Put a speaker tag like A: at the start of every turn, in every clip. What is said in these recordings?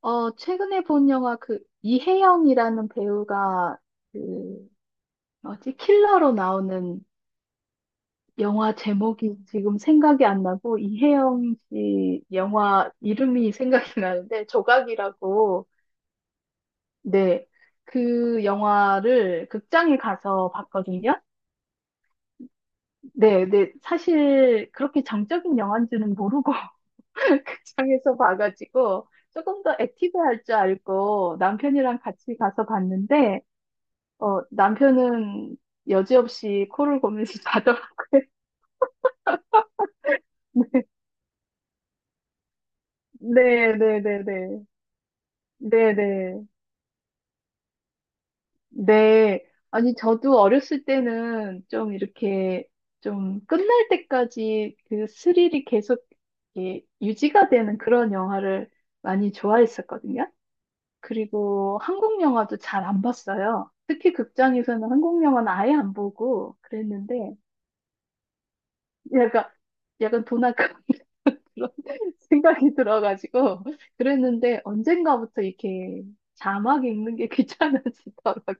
A: 최근에 본 영화 그 이혜영이라는 배우가 그 뭐지? 킬러로 나오는 영화 제목이 지금 생각이 안 나고 이혜영 씨 영화 이름이 생각이 나는데 조각이라고 네. 그 영화를 극장에 가서 봤거든요. 네, 네. 사실 그렇게 정적인 영화인지는 모르고 극장에서 봐가지고 조금 더 액티브할 줄 알고 남편이랑 같이 가서 봤는데 남편은 여지없이 코를 골면서 자더라고요. 네, 네, 네, 네. 네, 네. 네. 아니, 저도 어렸을 때는 좀 이렇게 좀 끝날 때까지 그 스릴이 계속 이렇게 유지가 되는 그런 영화를 많이 좋아했었거든요. 그리고 한국 영화도 잘 안 봤어요. 특히 극장에서는 한국 영화는 아예 안 보고 그랬는데 약간, 약간 돈 아까 그런 생각이 들어가지고 그랬는데 언젠가부터 이렇게 자막 읽는 게 귀찮아지더라고요.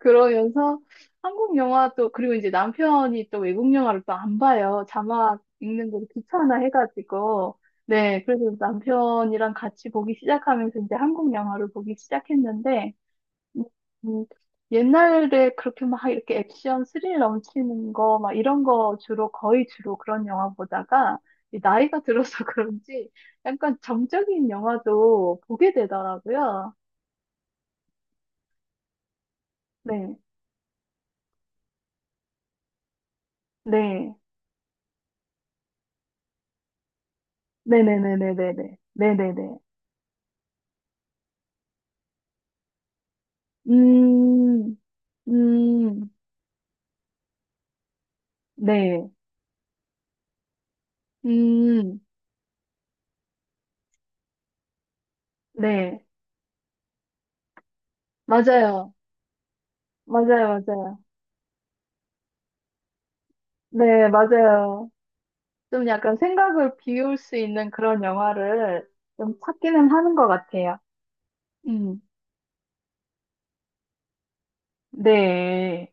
A: 그러면서 한국 영화도 그리고 이제 남편이 또 외국 영화를 또 안 봐요. 자막 읽는 걸 귀찮아 해가지고 네. 그래서 남편이랑 같이 보기 시작하면서 이제 한국 영화를 보기 시작했는데 음, 음, 옛날에 그렇게 막 이렇게 액션 스릴 넘치는 거, 막 이런 거 주로, 거의 주로 그런 영화 보다가, 이 나이가 들어서 그런지 약간 정적인 영화도 보게 되더라고요. 네. 네. 네네네네네네. 네네네. 음, 음, 네. 음, 네. 맞아요. 맞아요. 맞아요. 네, 맞아요. 좀 약간 생각을 비울 수 있는 그런 영화를 좀 찾기는 하는 것 같아요. 음, 네.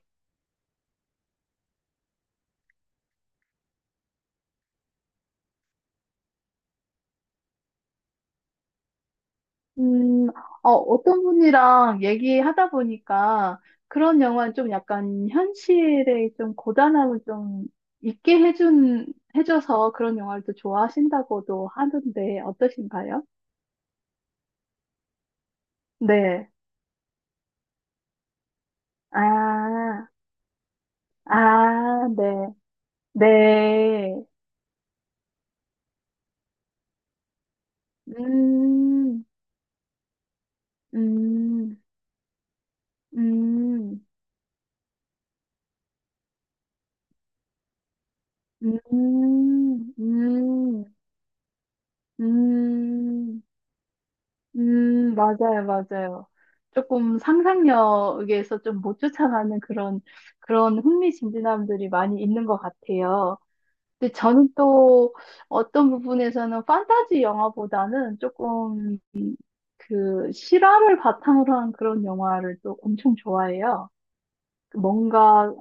A: 음, 어떤 분이랑 얘기하다 보니까 그런 영화는 좀 약간 현실의 좀 고단함을 좀 있게 해줘서 그런 영화를 또 좋아하신다고도 하던데 어떠신가요? 네. 아, 아, 네. 네. 음, 음, 음. 음, 음, 음, 맞아요, 맞아요. 조금 상상력에서 좀 못 쫓아가는 그런 흥미진진함들이 많이 있는 것 같아요. 근데 저는 또 어떤 부분에서는 판타지 영화보다는 조금 그 실화를 바탕으로 한 그런 영화를 또 엄청 좋아해요. 뭔가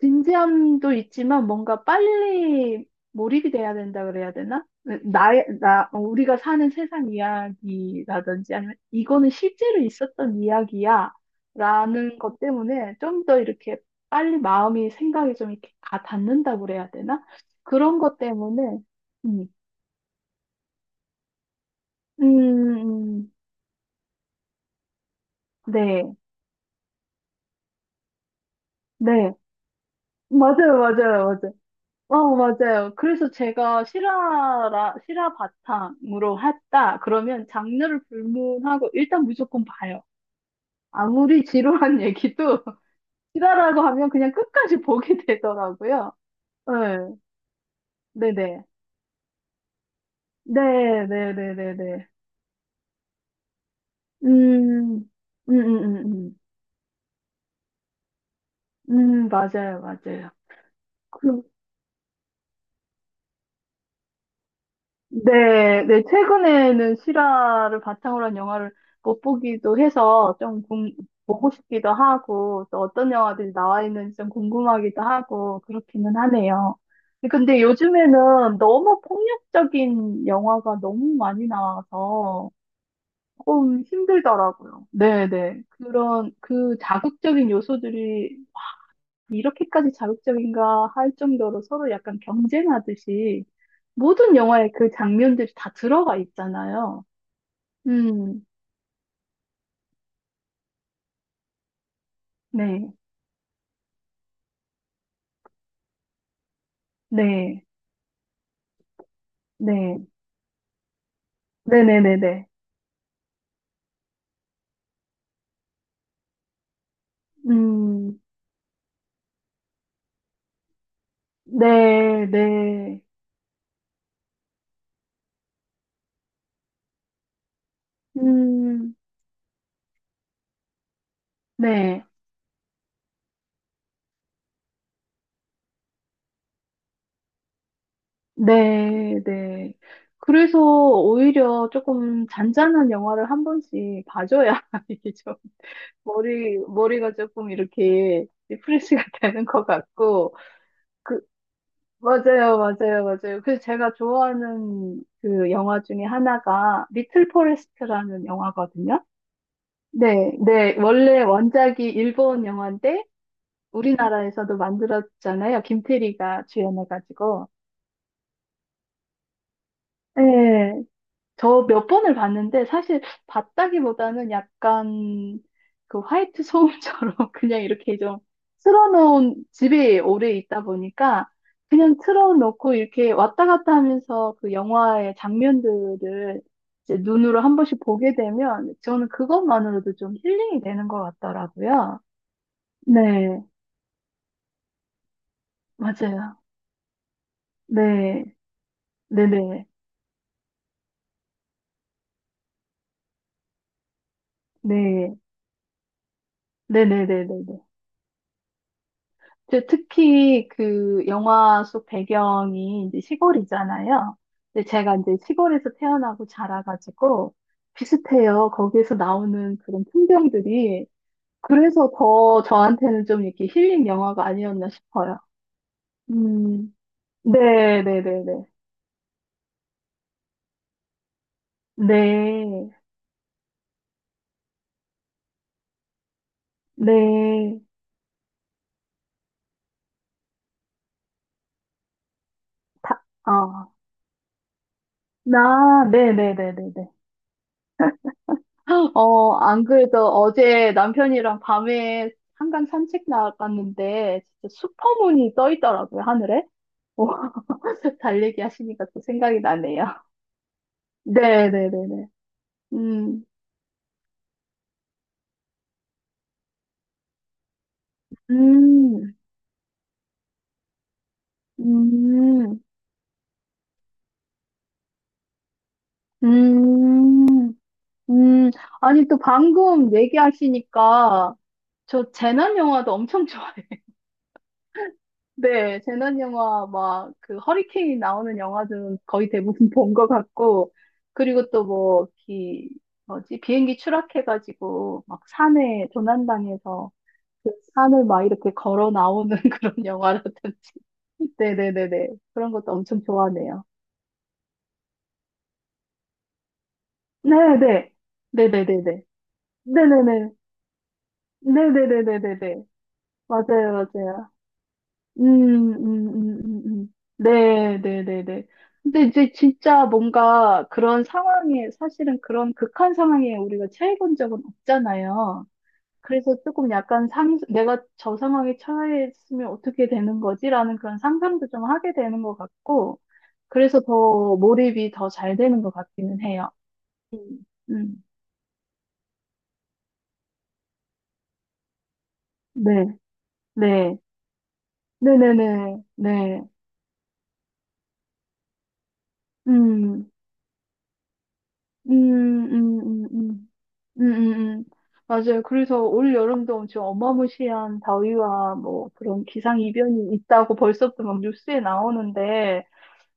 A: 진지함도 있지만 뭔가 빨리 몰입이 돼야 된다 그래야 되나? 우리가 사는 세상 이야기라든지 아니면 이거는 실제로 있었던 이야기야 라는 것 때문에 좀 더 이렇게 빨리 마음이 생각이 좀 이렇게 가 닿는다 그래야 되나? 그런 것 때문에, 음, 음, 음, 네, 네. 맞아요, 맞아요, 어, 맞아요. 그래서 제가 실화 바탕으로 했다. 그러면 장르를 불문하고 일단 무조건 봐요. 아무리 지루한 얘기도 실화라고 하면 그냥 끝까지 보게 되더라고요. 네, 네네. 네네네네네. 음, 음, 음, 음, 맞아요, 맞아요. 그, 네, 네, 최근에는 실화를 바탕으로 한 영화를 못 보기도 해서 좀 보고 싶기도 하고, 또 어떤 영화들이 나와 있는지 좀 궁금하기도 하고, 그렇기는 하네요. 근데 요즘에는 너무 폭력적인 영화가 너무 많이 나와서 조금 힘들더라고요. 네, 네. 그 자극적인 요소들이 이렇게까지 자극적인가 할 정도로 서로 약간 경쟁하듯이 모든 영화에 그 장면들이 다 들어가 있잖아요. 음, 네, 네, 네, 네네네네. 음, 네, 네, 음, 네, 네, 네. 그래서 오히려 조금 잔잔한 영화를 한 번씩 봐줘야 이게 좀 머리가 조금 이렇게 리프레시가 되는 것 같고, 그 맞아요, 맞아요, 맞아요. 그래서 제가 좋아하는 그 영화 중에 하나가 리틀 포레스트라는 영화거든요. 네, 네. 원래 원작이 일본 영화인데 우리나라에서도 만들었잖아요. 김태리가 주연해가지고. 네. 저 몇 번을 봤는데 사실 봤다기보다는 약간 그 화이트 소음처럼 그냥 이렇게 좀 틀어놓은 집에 오래 있다 보니까 그냥 틀어놓고 이렇게 왔다 갔다 하면서 그 영화의 장면들을 이제 눈으로 한 번씩 보게 되면 저는 그것만으로도 좀 힐링이 되는 것 같더라고요. 네, 맞아요. 네, 네네, 네, 네네네네. 그 특히 그 영화 속 배경이 이제 시골이잖아요. 근데 제가 이제 시골에서 태어나고 자라가지고 비슷해요. 거기에서 나오는 그런 풍경들이. 그래서 더 저한테는 좀 이렇게 힐링 영화가 아니었나 싶어요. 음, 네, 네, 네, 네. 네, 네. 다, 어, 나, 네, 네, 네, 네, 네. 안 그래도 어제 남편이랑 밤에 한강 산책 나갔는데 진짜 슈퍼문이 떠 있더라고요, 하늘에. 어, 달리기 하시니까 또 생각이 나네요. 네, 네, 네, 네. 음, 음, 음, 음, 음. 아니, 또 방금 얘기하시니까 저 재난 영화도 엄청 좋아해요. 네, 재난 영화 막 그 허리케인 나오는 영화들은 거의 대부분 본 것 같고 그리고 또 뭐 기 뭐지 비행기 추락해가지고 막 산에 조난당해서 그 산을 막 이렇게 걸어 나오는 그런 영화라든지 네네네네 그런 것도 엄청 좋아하네요. 네네 네네네네 네네네 네네네네네 맞아요. 네, 네, 네, 네. 근데 이제 진짜 뭔가 그런 상황에, 사실은 그런 극한 상황에 우리가 처해 본 적은 없잖아요. 그래서 조금 약간 내가 저 상황에 처했으면 어떻게 되는 거지라는 그런 상상도 좀 하게 되는 것 같고, 그래서 더 몰입이 더 잘 되는 것 같기는 해요. 음, 음, 네, 네, 네네네, 네. 네. 네. 음, 음, 음, 음, 음. 음, 음, 음. 맞아요. 그래서 올 여름도 엄청 어마무시한 더위와 뭐 그런 기상이변이 있다고 벌써부터 막 뉴스에 나오는데,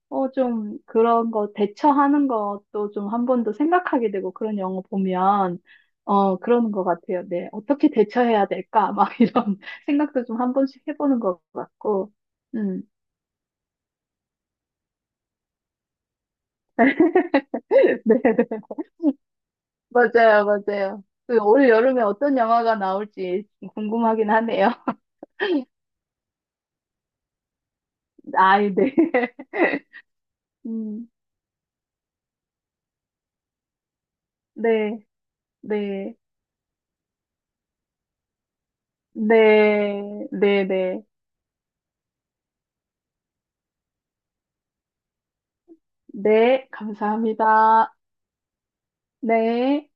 A: 좀 그런 거 대처하는 것도 좀 한 번 더 생각하게 되고 그런 영화 보면, 그러는 것 같아요. 네. 어떻게 대처해야 될까? 막 이런 생각도 좀 한 번씩 해보는 것 같고, 음. 네, 네. 맞아요, 맞아요. 그올 여름에 어떤 영화가 나올지 궁금하긴 하네요. 아이, 네. 음. 네, 네, 네, 네, 네, 네, 감사합니다. 네.